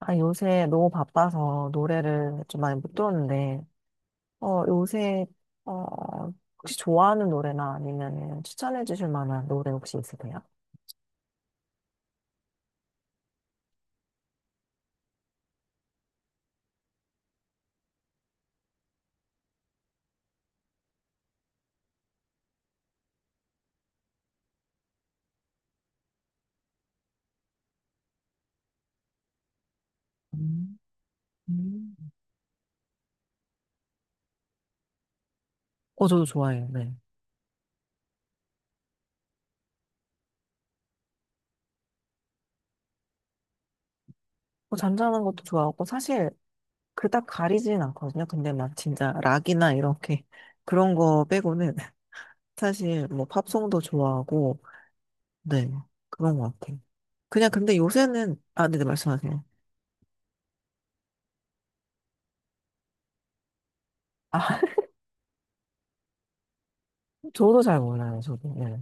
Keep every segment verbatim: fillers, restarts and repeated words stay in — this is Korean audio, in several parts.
아, 요새 너무 바빠서 노래를 좀 많이 못 들었는데, 어, 요새, 어, 혹시 좋아하는 노래나 아니면 추천해 주실 만한 노래 혹시 있으세요? 음, 음. 어, 저도 좋아해요, 네. 뭐 잔잔한 것도 좋아하고, 사실, 그닥 가리진 않거든요. 근데 막 진짜 락이나 이렇게 그런 거 빼고는 사실 뭐 팝송도 좋아하고, 네, 그런 것 같아요. 그냥 근데 요새는, 아, 네, 네, 말씀하세요. 아, 저도 잘 몰라요, 저도. 네.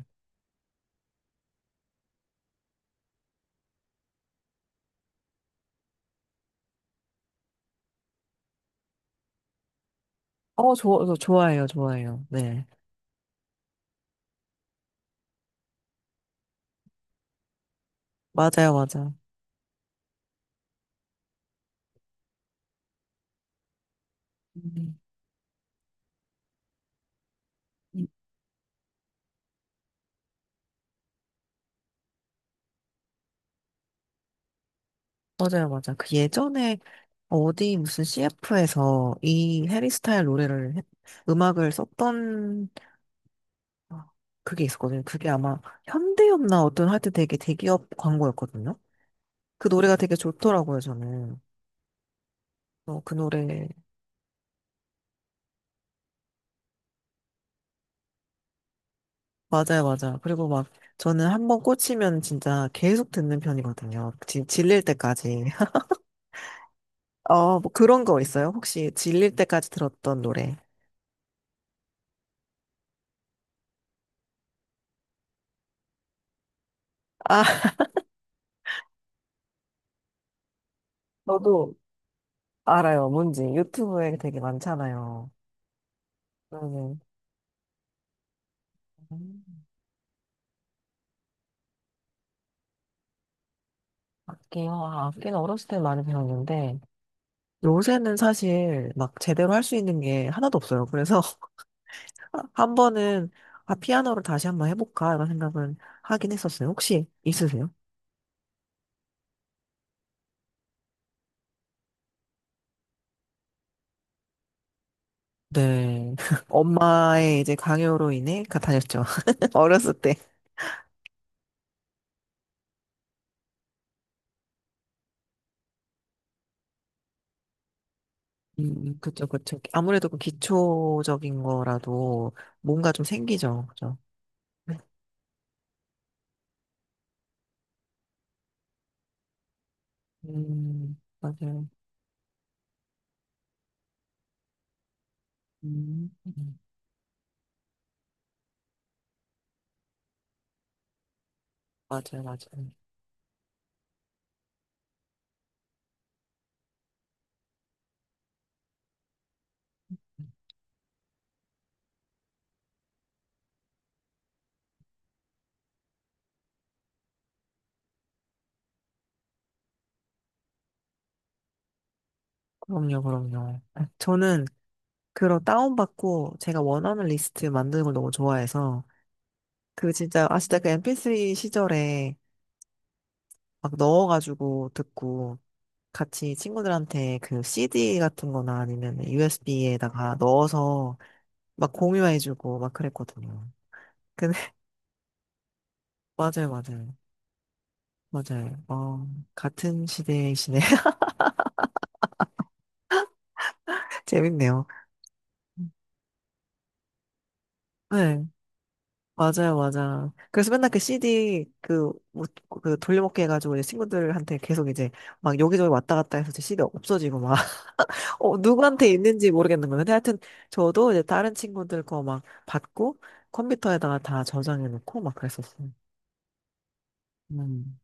어, 저, 저 좋아해요, 좋아해요. 네. 맞아요, 맞아요. 음, 음. 맞아요, 맞아요. 그 예전에 어디 무슨 씨에프에서 이 해리스타일 노래를, 했- 음악을 썼던, 아, 그게 있었거든요. 그게 아마 현대였나, 어떤 하여튼 되게 대기업 광고였거든요. 그 노래가 되게 좋더라고요, 저는. 어, 그 노래. 맞아요, 맞아요. 그리고 막 저는 한 번 꽂히면 진짜 계속 듣는 편이거든요. 지, 질릴 때까지. 어, 뭐 그런 거 있어요? 혹시 질릴 때까지 들었던 노래? 아, 저도 알아요, 뭔지. 유튜브에 되게 많잖아요. 그러면 음, 악기요. 아, 악기는 어렸을 때 많이 배웠는데 요새는 사실 막 제대로 할 수 있는 게 하나도 없어요. 그래서 한 번은, 아, 피아노를 다시 한번 해볼까? 이런 생각은 하긴 했었어요. 혹시 있으세요? 네. 엄마의 이제 강요로 인해 가- 다녔죠. 어렸을 때. 음, 그쵸, 그쵸. 아무래도 그 기초적인 거라도 뭔가 좀 생기죠. 그죠? 음, 맞아요. 음, 음. 맞아요, 맞아요. 그럼요, 그럼요. 저는 그런 다운받고 제가 원하는 리스트 만드는 걸 너무 좋아해서 그 진짜, 아, 진짜 그 엠피쓰리 시절에 막 넣어가지고 듣고 같이 친구들한테 그 씨디 같은 거나 아니면 유에스비에다가 넣어서 막 공유해주고 막 그랬거든요. 근데 맞아요, 맞아요. 맞아요. 어, 같은 시대이시네. 재밌네요. 네, 맞아요, 맞아. 그래서 맨날 그 씨디 그, 뭐, 그 돌려먹기 해가지고 이제 친구들한테 계속 이제 막 여기저기 왔다 갔다 해서 이제 씨디 없어지고 막 어, 누구한테 있는지 모르겠는 거예요. 근데 하여튼 저도 이제 다른 친구들 거 막 받고 컴퓨터에다가 다 저장해 놓고 막 그랬었어요. 음.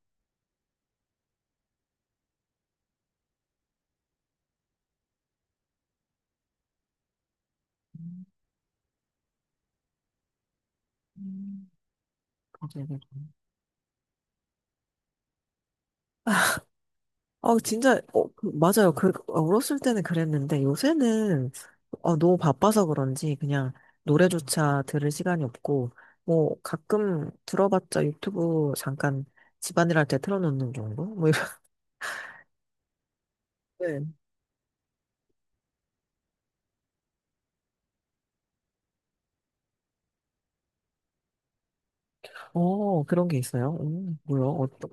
음, 맞아요. 맞아요. 어, 진짜, 어, 그- 맞아요. 그, 어, 어렸을 때는 그랬는데 요새는 어, 너무 바빠서 그런지 그냥 노래조차 들을 시간이 없고 뭐 가끔 들어봤자 유튜브 잠깐 집안일 할 때 틀어놓는 정도? 뭐 이런, 네. 어, 그런 게 있어요. 음, 뭐야, 어떤,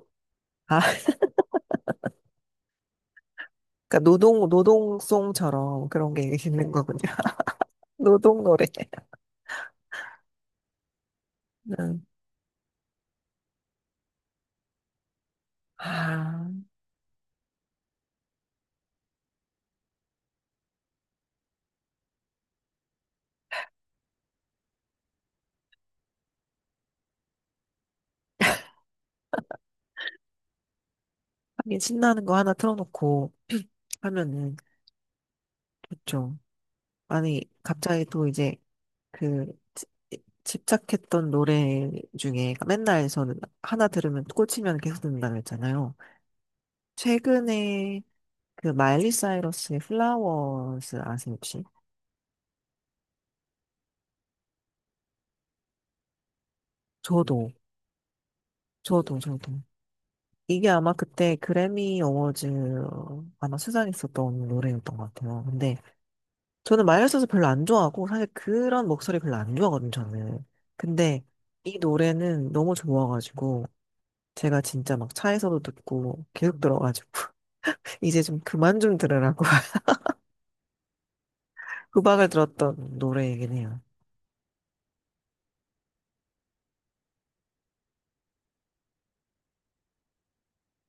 그러니까 노동 노동송처럼 그런 게 있는 거군요. 노동 노래. 음. 아, 하긴 신나는 거 하나 틀어놓고 하면은 좋죠. 아니 갑자기 또 이제 그 지- 집착했던 노래 중에 맨날 저는 하나 들으면 꽂히면 계속 듣는다고 했잖아요. 최근에 그 마일리 사이러스의 플라워스 아세요, 혹시? 저도, 저도, 저도 이게 아마 그때 그래미 어워즈 아마 수상했었던 노래였던 것 같아요. 근데 저는 마이너스서 별로 안 좋아하고, 사실 그런 목소리 별로 안 좋아하거든요, 저는. 근데 이 노래는 너무 좋아가지고 제가 진짜 막 차에서도 듣고 계속 들어가지고 이제 좀 그만 좀 들으라고 후박을 들었던 노래이긴 해요.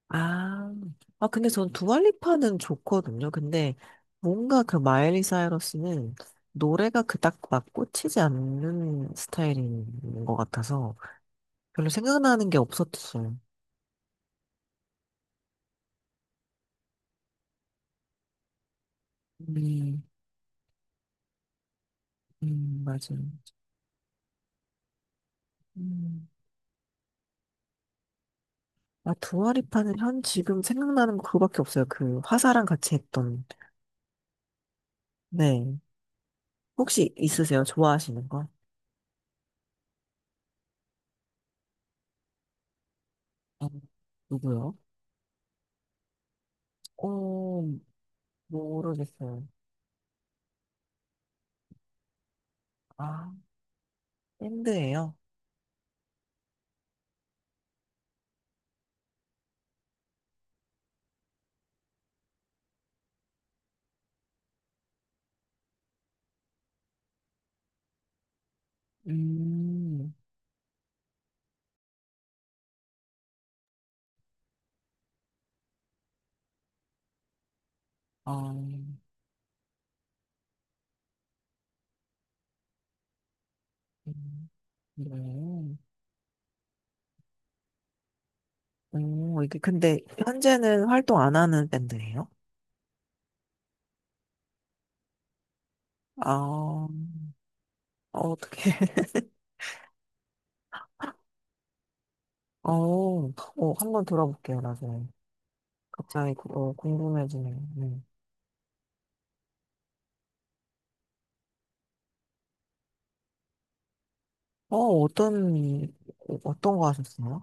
아, 아, 근데 전 두알리파는 좋거든요. 근데 뭔가 그 마일리 사이러스는 노래가 그닥 막 꽂히지 않는 스타일인 것 같아서 별로 생각나는 게 없었어요. 음, 음, 맞아요. 음. 아, 두알리파는 현 지금 생각나는 거 그거밖에 없어요. 그 화사랑 같이 했던. 네. 혹시 있으세요? 좋아하시는 거? 아, 누구요? 어, 모르겠어요. 아, 밴드예요? 음. 아, 음, 네. 오, 이게 근데 현재는 활동 안 하는 밴드예요? 아, 어, 어떻게? 어, 어, 한번 들어볼게요, 나중에. 갑자기 구- 어, 궁금해지네요. 네. 어, 어떤 어떤 거 하셨어요?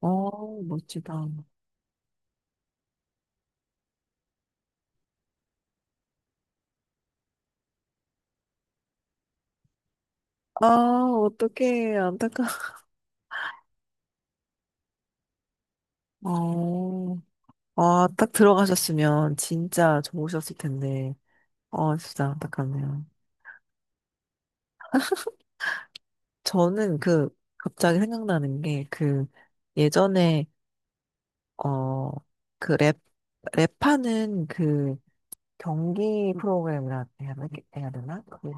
어, 멋지다. 아, 어떡해, 안타까워. 어, 아, 딱 들어가셨으면 진짜 좋으셨을 텐데. 어, 진짜 안타깝네요. 저는 그 갑자기 생각나는 게 그 예전에 어 그 랩 랩하는 그 경기 프로그램이라 해야 되나? 해야 되나? 그-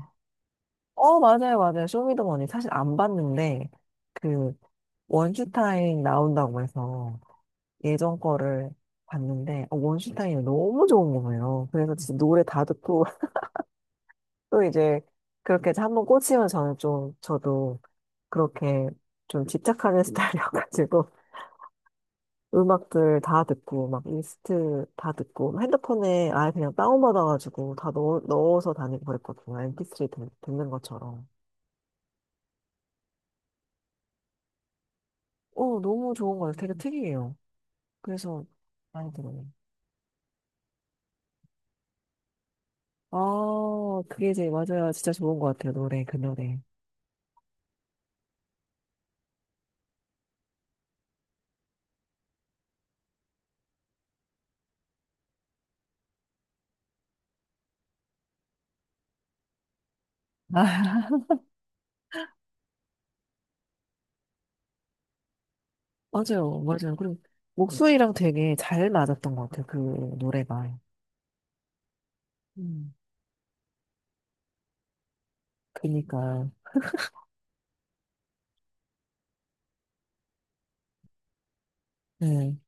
어 맞아요 맞아요 쇼미더머니 사실 안 봤는데 그 원슈타인 나온다고 해서 예전 거를 봤는데 어, 원슈타인이 너무 좋은 거예요. 그래서 진짜 노래 다 듣고 또 이제 그렇게 해서 한번 꽂히면 저는 좀 저도 그렇게 좀 집착하는 스타일이어가지고 음악들 다 듣고, 막 리스트 다 듣고, 핸드폰에 아예 그냥 다운받아가지고 다 넣, 넣어서 다니고 그랬거든요. 엠피쓰리 듣, 듣는 것처럼. 어, 너무 좋은 것 같아요. 되게 특이해요. 그래서 많이 들어요. 아, 그게 이제 맞아요. 진짜 좋은 것 같아요. 노래, 그 노래. 아, 맞아요. 맞아요. 그리고 목소리랑 되게 잘 맞았던 것 같아요. 그 노래가. 음. 그니까요. 네.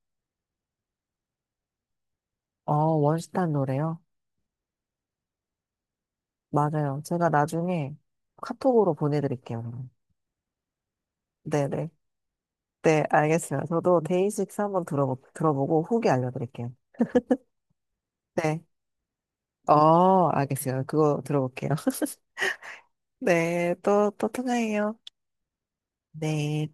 어, 원시탄 노래요? 맞아요. 제가 나중에 카톡으로 보내드릴게요. 네네. 네, 알겠어요. 저도 데이식스 한번 들어보, 들어보고 후기 알려드릴게요. 네. 어, 알겠어요. 그거 들어볼게요. 네, 또, 또 통화해요. 네.